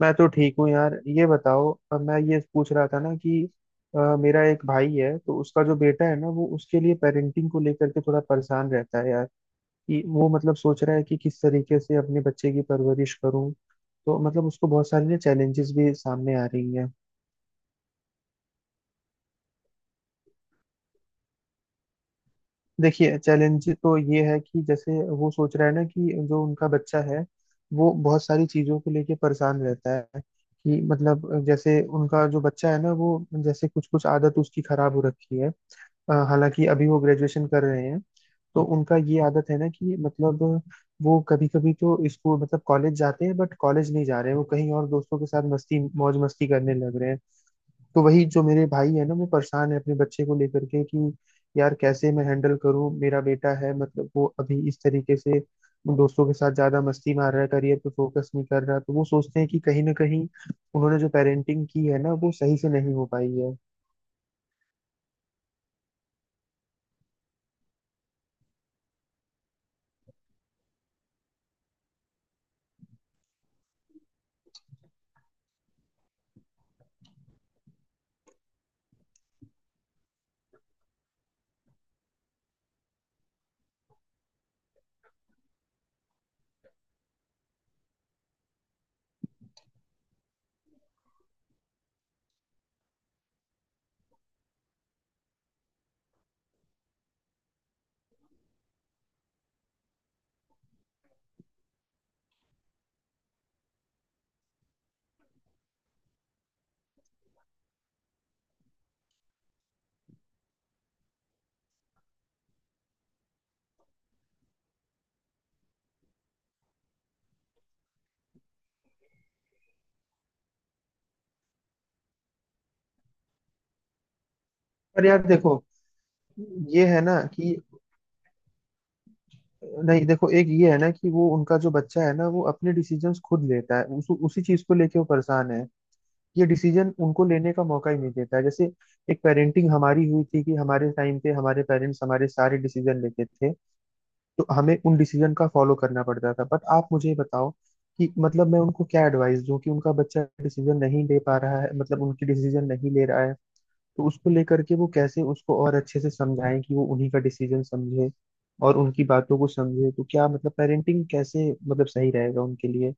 मैं तो ठीक हूँ यार। ये बताओ मैं ये पूछ रहा था ना कि मेरा एक भाई है, तो उसका जो बेटा है ना, वो उसके लिए पेरेंटिंग को लेकर के थोड़ा परेशान रहता है यार। कि वो मतलब सोच रहा है कि किस तरीके से अपने बच्चे की परवरिश करूँ। तो मतलब उसको बहुत सारी ना चैलेंजेस भी सामने आ रही हैं। देखिए, चैलेंज तो ये है कि जैसे वो सोच रहा है ना कि जो उनका बच्चा है वो बहुत सारी चीज़ों को लेके परेशान रहता है। कि मतलब जैसे उनका जो बच्चा है ना, वो जैसे कुछ कुछ आदत उसकी खराब हो रखी है। हालांकि अभी वो ग्रेजुएशन कर रहे हैं। तो उनका ये आदत है ना कि मतलब वो कभी कभी तो स्कूल मतलब कॉलेज जाते हैं, बट कॉलेज नहीं जा रहे हैं, वो कहीं और दोस्तों के साथ मस्ती मौज मस्ती करने लग रहे हैं। तो वही जो मेरे भाई है ना, वो परेशान है अपने बच्चे को लेकर के कि यार कैसे मैं हैंडल करूं, मेरा बेटा है, मतलब वो अभी इस तरीके से दोस्तों के साथ ज्यादा मस्ती मार रहा है, करियर पे फोकस नहीं कर रहा। तो वो सोचते हैं कि कहीं ना कहीं उन्होंने जो पेरेंटिंग की है ना, वो सही से नहीं हो पाई है। पर यार देखो, ये है ना कि नहीं, देखो, एक ये है ना कि वो उनका जो बच्चा है ना, वो अपने डिसीजंस खुद लेता है। उसी चीज को लेके वो परेशान है। ये डिसीजन उनको लेने का मौका ही नहीं देता है। जैसे एक पेरेंटिंग हमारी हुई थी कि हमारे टाइम पे हमारे पेरेंट्स हमारे सारे डिसीजन लेते थे, तो हमें उन डिसीजन का फॉलो करना पड़ता था। बट आप मुझे बताओ कि मतलब मैं उनको क्या एडवाइस दूं कि उनका बच्चा डिसीजन नहीं ले पा रहा है, मतलब उनकी डिसीजन नहीं ले रहा है। तो उसको लेकर के वो कैसे उसको और अच्छे से समझाएं कि वो उन्हीं का डिसीजन समझे और उनकी बातों को समझे। तो क्या मतलब पेरेंटिंग कैसे मतलब सही रहेगा उनके लिए।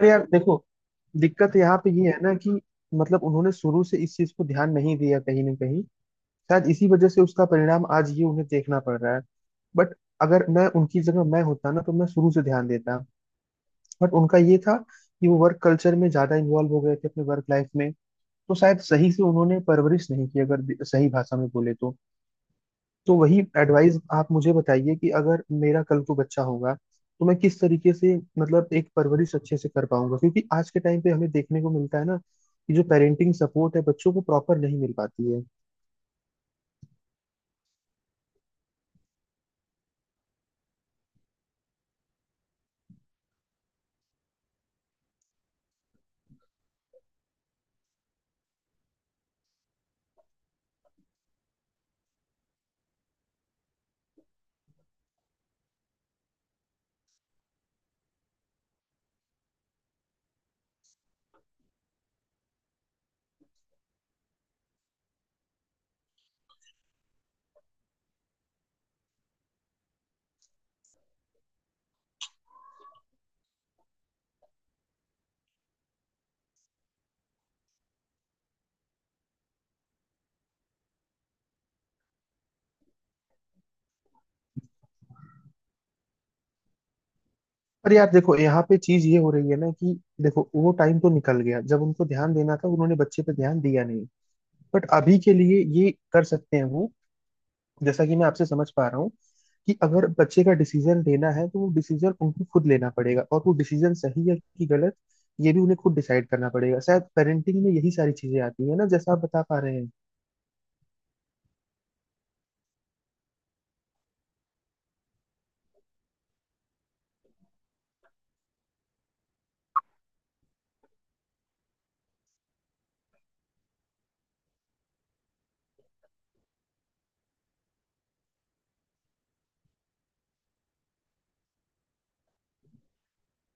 और यार देखो, दिक्कत यहाँ पे ये है ना कि मतलब उन्होंने शुरू से इस चीज को ध्यान नहीं दिया कहीं ना कहीं, शायद इसी वजह से उसका परिणाम आज ये उन्हें देखना पड़ रहा है। बट अगर मैं उनकी जगह मैं होता ना, तो मैं शुरू से ध्यान देता। बट उनका ये था कि वो वर्क कल्चर में ज्यादा इन्वॉल्व हो गए थे अपने वर्क लाइफ में। तो शायद सही से उन्होंने परवरिश नहीं की, अगर सही भाषा में बोले तो। तो वही एडवाइस आप मुझे बताइए कि अगर मेरा कल को बच्चा होगा तो मैं किस तरीके से मतलब एक परवरिश अच्छे से कर पाऊंगा। क्योंकि आज के टाइम पे हमें देखने को मिलता है ना कि जो पेरेंटिंग सपोर्ट है बच्चों को प्रॉपर नहीं मिल पाती है। पर यार देखो, यहाँ पे चीज ये हो रही है ना कि देखो, वो टाइम तो निकल गया जब उनको ध्यान देना था, उन्होंने बच्चे पे ध्यान दिया नहीं। बट अभी के लिए ये कर सकते हैं वो, जैसा कि मैं आपसे समझ पा रहा हूँ, कि अगर बच्चे का डिसीजन लेना है तो वो डिसीजन उनको खुद लेना पड़ेगा, और वो डिसीजन सही है कि गलत ये भी उन्हें खुद डिसाइड करना पड़ेगा। शायद पेरेंटिंग में यही सारी चीजें आती है ना, जैसा आप बता पा रहे हैं।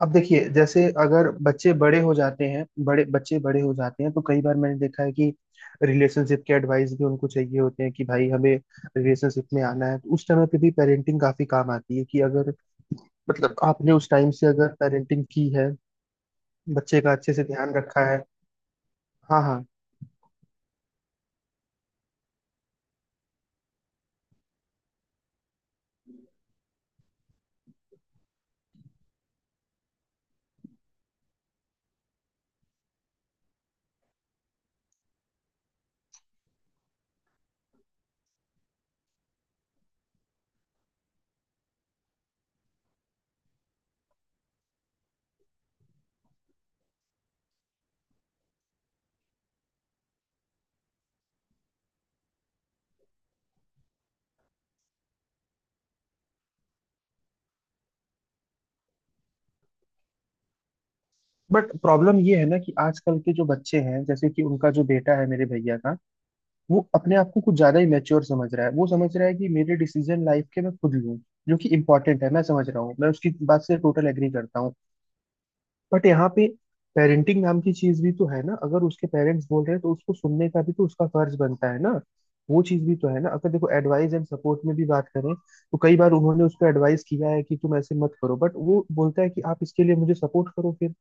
अब देखिए, जैसे अगर बच्चे बड़े हो जाते हैं, बड़े बच्चे बड़े हो जाते हैं, तो कई बार मैंने देखा है कि रिलेशनशिप के एडवाइस भी उनको चाहिए होते हैं, कि भाई हमें रिलेशनशिप में आना है। तो उस समय पे भी पेरेंटिंग काफी काम आती है, कि अगर मतलब आपने उस टाइम से अगर पेरेंटिंग की है, बच्चे का अच्छे से ध्यान रखा है। हाँ हाँ। बट प्रॉब्लम ये है ना कि आजकल के जो बच्चे हैं, जैसे कि उनका जो बेटा है मेरे भैया का, वो अपने आप को कुछ ज्यादा ही मैच्योर समझ रहा है। वो समझ रहा है कि मेरे डिसीजन लाइफ के मैं खुद लूँ, जो कि इम्पोर्टेंट है, मैं समझ रहा हूँ, मैं उसकी बात से टोटल एग्री करता हूँ। बट यहाँ पे पेरेंटिंग नाम की चीज भी तो है ना, अगर उसके पेरेंट्स बोल रहे हैं तो उसको सुनने का भी तो उसका फर्ज बनता है ना। वो चीज भी तो है ना, अगर देखो एडवाइस एंड सपोर्ट में भी बात करें तो कई बार उन्होंने उसको एडवाइस किया है कि तुम ऐसे मत करो, बट वो बोलता है कि आप इसके लिए मुझे सपोर्ट करो फिर।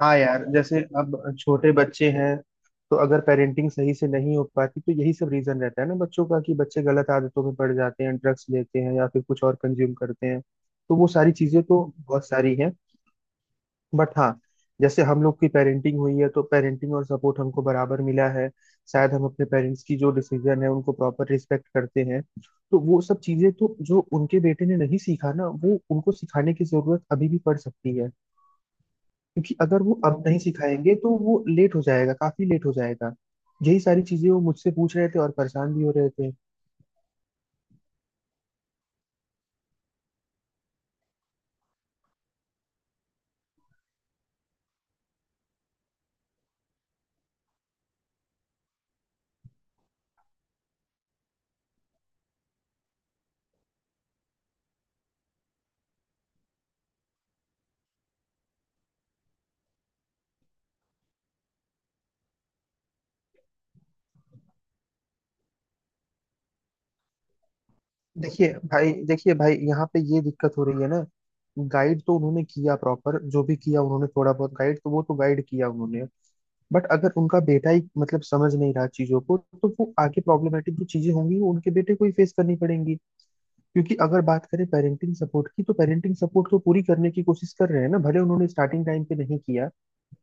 हाँ यार, जैसे अब छोटे बच्चे हैं, तो अगर पेरेंटिंग सही से नहीं हो पाती तो यही सब रीजन रहता है ना बच्चों का, कि बच्चे गलत आदतों में पड़ जाते हैं, ड्रग्स लेते हैं या फिर कुछ और कंज्यूम करते हैं। तो वो सारी चीजें तो बहुत सारी हैं। बट हाँ, जैसे हम लोग की पेरेंटिंग हुई है तो पेरेंटिंग और सपोर्ट हमको बराबर मिला है। शायद हम अपने पेरेंट्स की जो डिसीजन है उनको प्रॉपर रिस्पेक्ट करते हैं। तो वो सब चीजें तो जो उनके बेटे ने नहीं सीखा ना, वो उनको सिखाने की जरूरत अभी भी पड़ सकती है। क्योंकि अगर वो अब नहीं सिखाएंगे तो वो लेट हो जाएगा, काफी लेट हो जाएगा। यही सारी चीजें वो मुझसे पूछ रहे थे और परेशान भी हो रहे थे। देखिए भाई, यहाँ पे ये दिक्कत हो रही है ना, गाइड तो उन्होंने किया प्रॉपर, जो भी किया उन्होंने थोड़ा बहुत गाइड, तो वो तो गाइड किया उन्होंने। बट अगर उनका बेटा ही मतलब समझ नहीं रहा चीजों को, तो वो आगे प्रॉब्लमेटिक जो चीजें होंगी वो उनके बेटे को ही फेस करनी पड़ेंगी। क्योंकि अगर बात करें पेरेंटिंग सपोर्ट की, तो पेरेंटिंग सपोर्ट तो पूरी करने की कोशिश कर रहे हैं ना, भले उन्होंने स्टार्टिंग टाइम पे नहीं किया,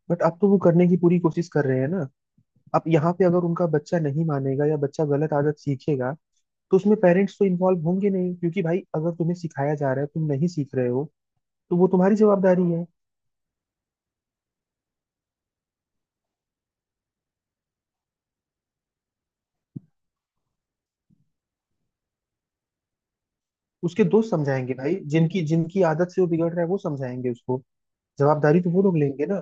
बट आप तो वो करने की पूरी कोशिश कर रहे हैं ना। अब यहाँ पे अगर उनका बच्चा नहीं मानेगा या बच्चा गलत आदत सीखेगा, तो उसमें पेरेंट्स तो इन्वॉल्व होंगे नहीं, क्योंकि भाई अगर तुम्हें सिखाया जा रहा है तुम नहीं सीख रहे हो, तो वो तुम्हारी जवाबदारी है। उसके दोस्त समझाएंगे भाई, जिनकी जिनकी आदत से वो बिगड़ रहा है वो समझाएंगे उसको, जवाबदारी तो वो लोग लेंगे ना।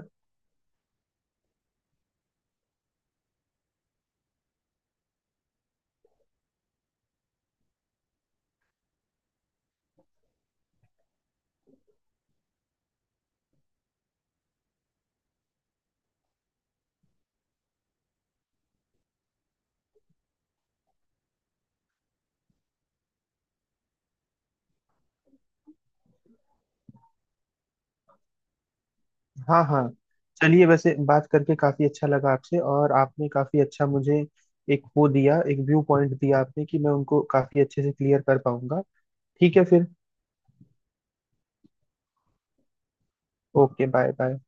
हाँ हाँ। चलिए, वैसे बात करके काफी अच्छा लगा आपसे, और आपने काफी अच्छा मुझे एक वो दिया, एक व्यू पॉइंट दिया आपने, कि मैं उनको काफी अच्छे से क्लियर कर पाऊंगा। ठीक है फिर, ओके, बाय बाय।